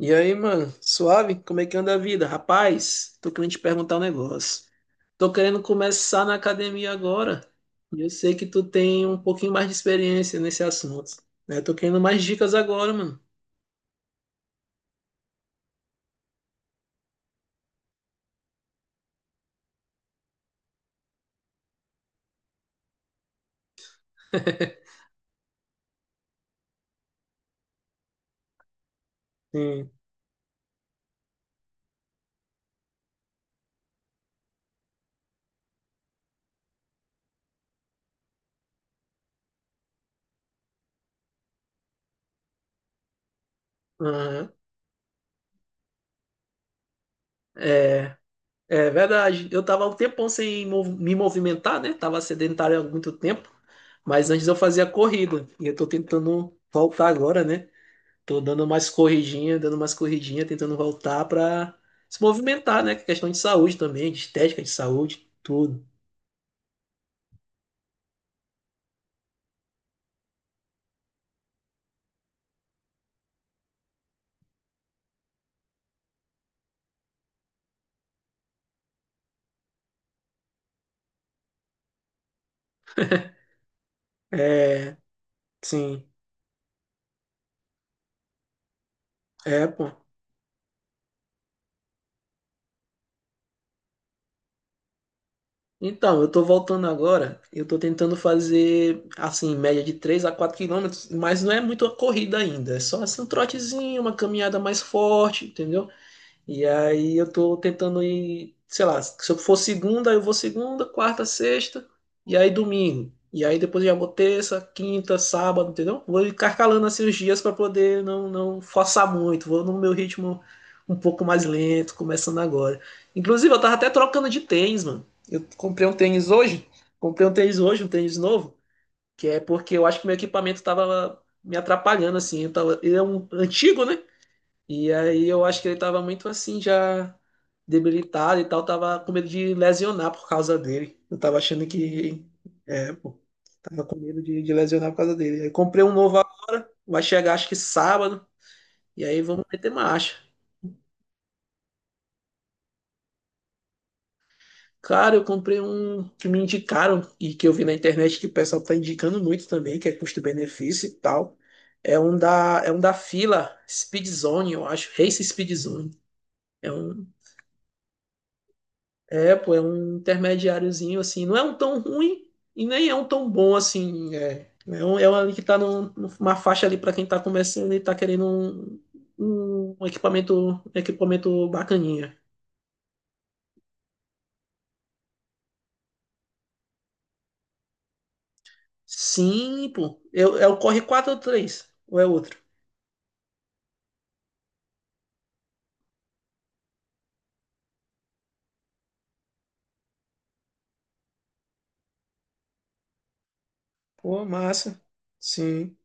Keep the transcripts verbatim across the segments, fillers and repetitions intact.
E aí, mano, suave? Como é que anda a vida? Rapaz, tô querendo te perguntar um negócio. Tô querendo começar na academia agora. E eu sei que tu tem um pouquinho mais de experiência nesse assunto, né? Tô querendo mais dicas agora, mano. Sim. Aham. É, é verdade. Eu tava um tempão sem mov- me movimentar, né? Tava sedentário há muito tempo. Mas antes eu fazia corrida. E eu tô tentando voltar agora, né? Tô dando mais corridinha, dando mais corridinha, tentando voltar pra se movimentar, né? Que é questão de saúde também, de estética, de saúde, tudo. É, sim. É, pô. Então, eu tô voltando agora, eu tô tentando fazer, assim, média de três a quatro quilômetros, mas não é muito a corrida ainda, é só assim, um trotezinho, uma caminhada mais forte, entendeu? E aí eu tô tentando ir, sei lá, se eu for segunda, eu vou segunda, quarta, sexta, e aí domingo. E aí depois eu já vou terça, quinta, sábado, entendeu? Vou intercalando assim os dias para poder não, não forçar muito. Vou no meu ritmo um pouco mais lento, começando agora. Inclusive, eu tava até trocando de tênis, mano. Eu comprei um tênis hoje, comprei um tênis hoje, um tênis novo, que é porque eu acho que meu equipamento tava me atrapalhando, assim. Eu tava, ele é um antigo, né? E aí eu acho que ele tava muito assim, já debilitado e tal, tava com medo de lesionar por causa dele. Eu tava achando que. É, pô, tava com medo de, de lesionar por causa dele. Aí comprei um novo agora, vai chegar acho que sábado, e aí vamos meter marcha. Cara, eu comprei um que me indicaram e que eu vi na internet que o pessoal tá indicando muito também, que é custo-benefício e tal. É um da, é um da fila Speed Zone, eu acho, Race Speed Zone. é um É, pô, é um intermediáriozinho, assim. Não é um tão ruim e nem é um tão bom, assim. É, é, um, é um ali que tá num- numa faixa ali para quem tá começando e tá querendo um, um equipamento, equipamento bacaninha. Sim, pô. É, é o Corre quatro ou três? Ou é outro? Pô, massa. Sim.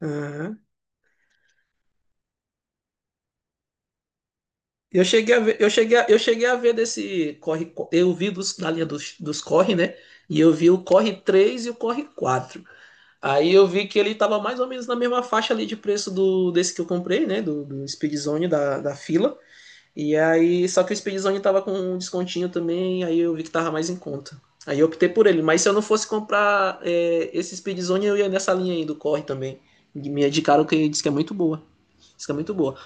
Aham. Eu cheguei a ver, eu cheguei a, eu cheguei a ver desse Corre... Eu vi dos, da linha dos, dos Corre, né? E eu vi o Corre três e o Corre quatro. Aí eu vi que ele tava mais ou menos na mesma faixa ali de preço do desse que eu comprei, né? Do, do Speedzone da, da fila. E aí, só que o Speedzone tava com um descontinho também, aí eu vi que tava mais em conta. Aí eu optei por ele. Mas se eu não fosse comprar é, esse Speedzone, eu ia nessa linha aí do Corre também. Me indicaram que diz que é muito boa. Diz que é muito boa.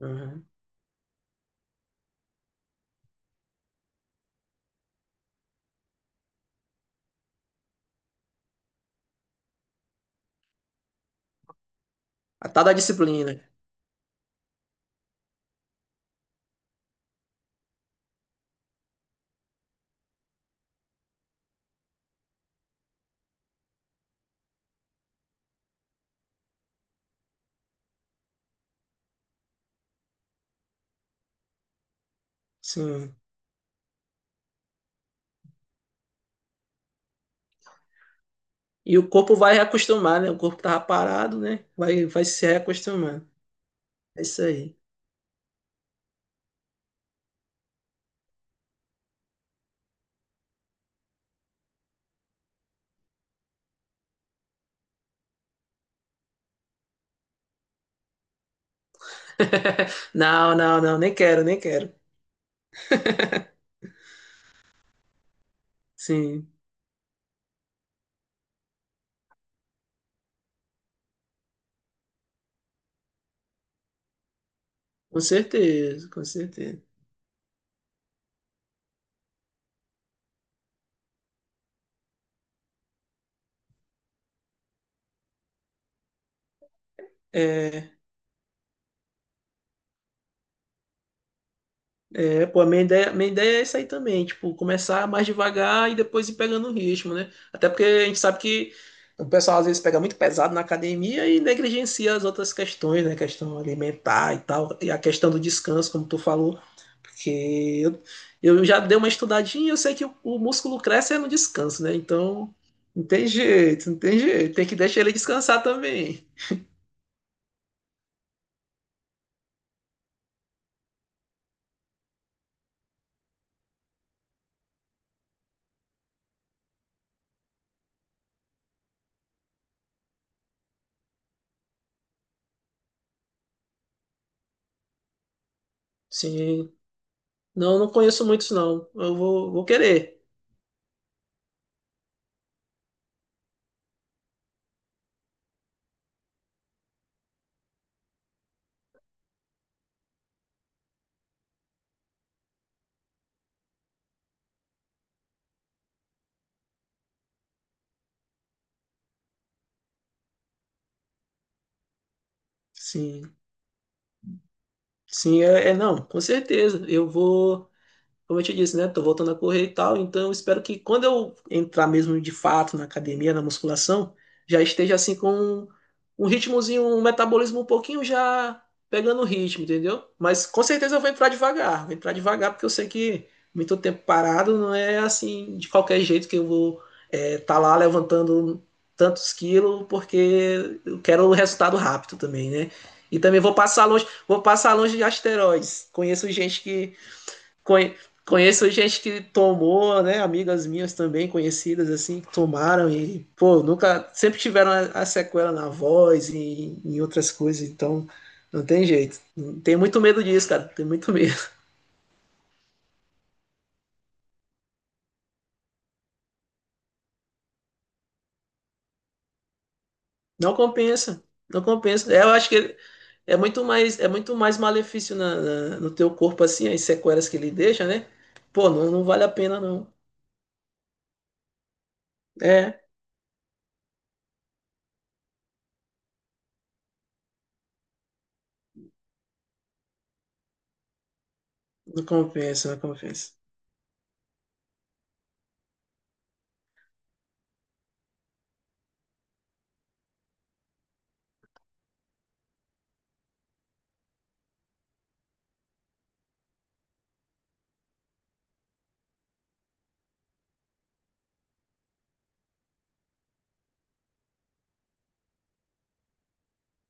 Uhum. A tal da disciplina. Sim. E o corpo vai reacostumar, né? O corpo que tava parado, né? Vai, vai se reacostumando. É isso aí. Não, não, não, nem quero, nem quero. Sim, com certeza, com certeza. É, é, pô, a minha ideia, minha ideia é essa aí também, tipo, começar mais devagar e depois ir pegando o ritmo, né? Até porque a gente sabe que o pessoal às vezes pega muito pesado na academia e negligencia as outras questões, né? Questão alimentar e tal, e a questão do descanso, como tu falou, porque eu, eu já dei uma estudadinha e eu sei que o, o músculo cresce é no descanso, né? Então, não tem jeito, não tem jeito, tem que deixar ele descansar também. Sim. Não, não conheço muitos, não. Eu vou, vou querer. Sim, sim, é, é, não, com certeza. Eu vou. Como eu te disse, né? Tô voltando a correr e tal, então eu espero que quando eu entrar mesmo de fato na academia, na musculação, já esteja assim com um, um ritmozinho, um metabolismo um pouquinho já pegando o ritmo, entendeu? Mas com certeza eu vou entrar devagar, vou entrar devagar, porque eu sei que muito tempo parado não é assim de qualquer jeito que eu vou estar lá levantando tantos quilos, porque eu quero o resultado rápido também, né? E também vou passar longe, vou passar longe de asteroides. Conheço gente que Conhe- Conheço gente que tomou, né? Amigas minhas também, conhecidas, assim, que tomaram e, pô, nunca. Sempre tiveram a, a sequela na voz e em outras coisas, então não tem jeito. Tem muito medo disso, cara. Tem muito medo. Não compensa. Não compensa. É, eu acho que é muito mais, é muito mais malefício na- na- no teu corpo, assim, as sequelas que ele deixa, né? Pô, não, não vale a pena, não. É, não compensa, não compensa.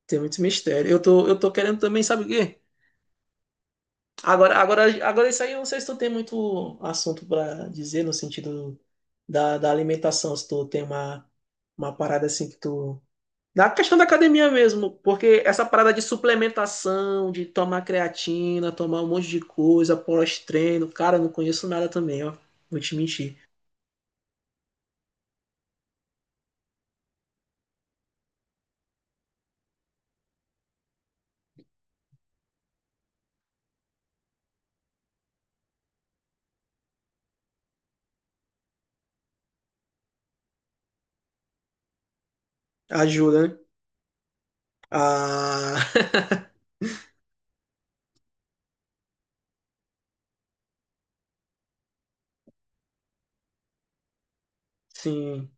Tem muito mistério. Eu tô, eu tô querendo também, sabe o quê? Agora, agora, agora isso aí eu não sei se tu tem muito assunto para dizer no sentido da, da alimentação, se tu tem uma, uma parada assim que tu. Da questão da academia mesmo, porque essa parada de suplementação, de tomar creatina, tomar um monte de coisa, pós-treino, cara, eu não conheço nada também, ó. Vou te mentir. Ajuda, né? Ah, sim,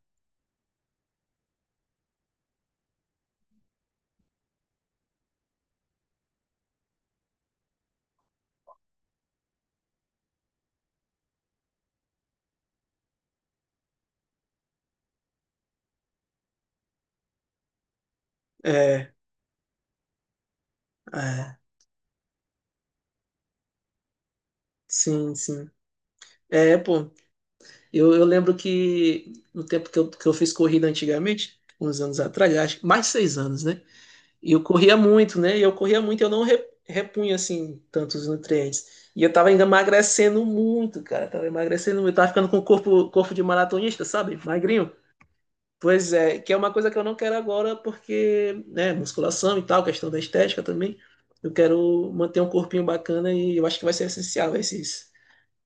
é, é, sim, sim. É, pô, Eu, eu lembro que no tempo que eu, que eu fiz corrida antigamente, uns anos atrás, acho que mais de seis anos, né? E eu corria muito, né? E eu corria muito, eu não re- repunha assim tantos nutrientes. E eu tava ainda emagrecendo muito, cara. Tava emagrecendo muito. Eu tava ficando com o corpo, corpo de maratonista, sabe? Magrinho. Pois é, que é uma coisa que eu não quero agora, porque, né, musculação e tal, questão da estética também. Eu quero manter um corpinho bacana e eu acho que vai ser essencial esses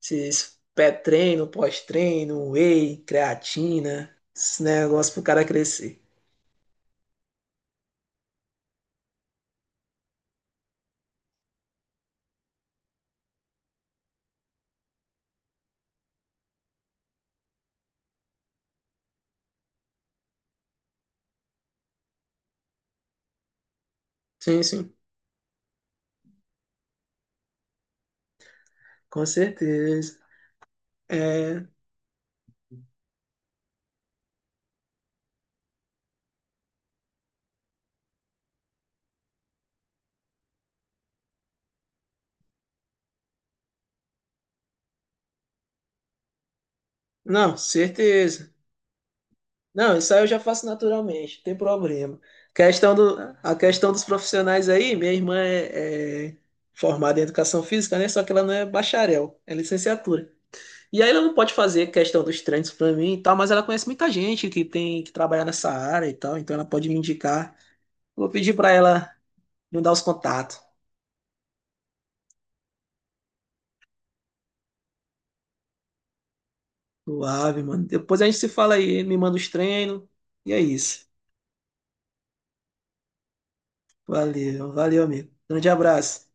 esses pré-treino, pós-treino, whey, creatina, esse negócio pro cara crescer. Sim, sim, com certeza. É, não, certeza. Não, isso aí eu já faço naturalmente, não tem problema. Questão do, a questão dos profissionais aí, minha irmã é, é formada em educação física, né? Só que ela não é bacharel, é licenciatura. E aí ela não pode fazer questão dos treinos pra mim e tal, mas ela conhece muita gente que tem que trabalhar nessa área e tal, então ela pode me indicar. Vou pedir pra ela. Me dá os contatos. Suave, mano. Depois a gente se fala aí, me manda os treinos. E é isso. Valeu, valeu, amigo. Grande abraço.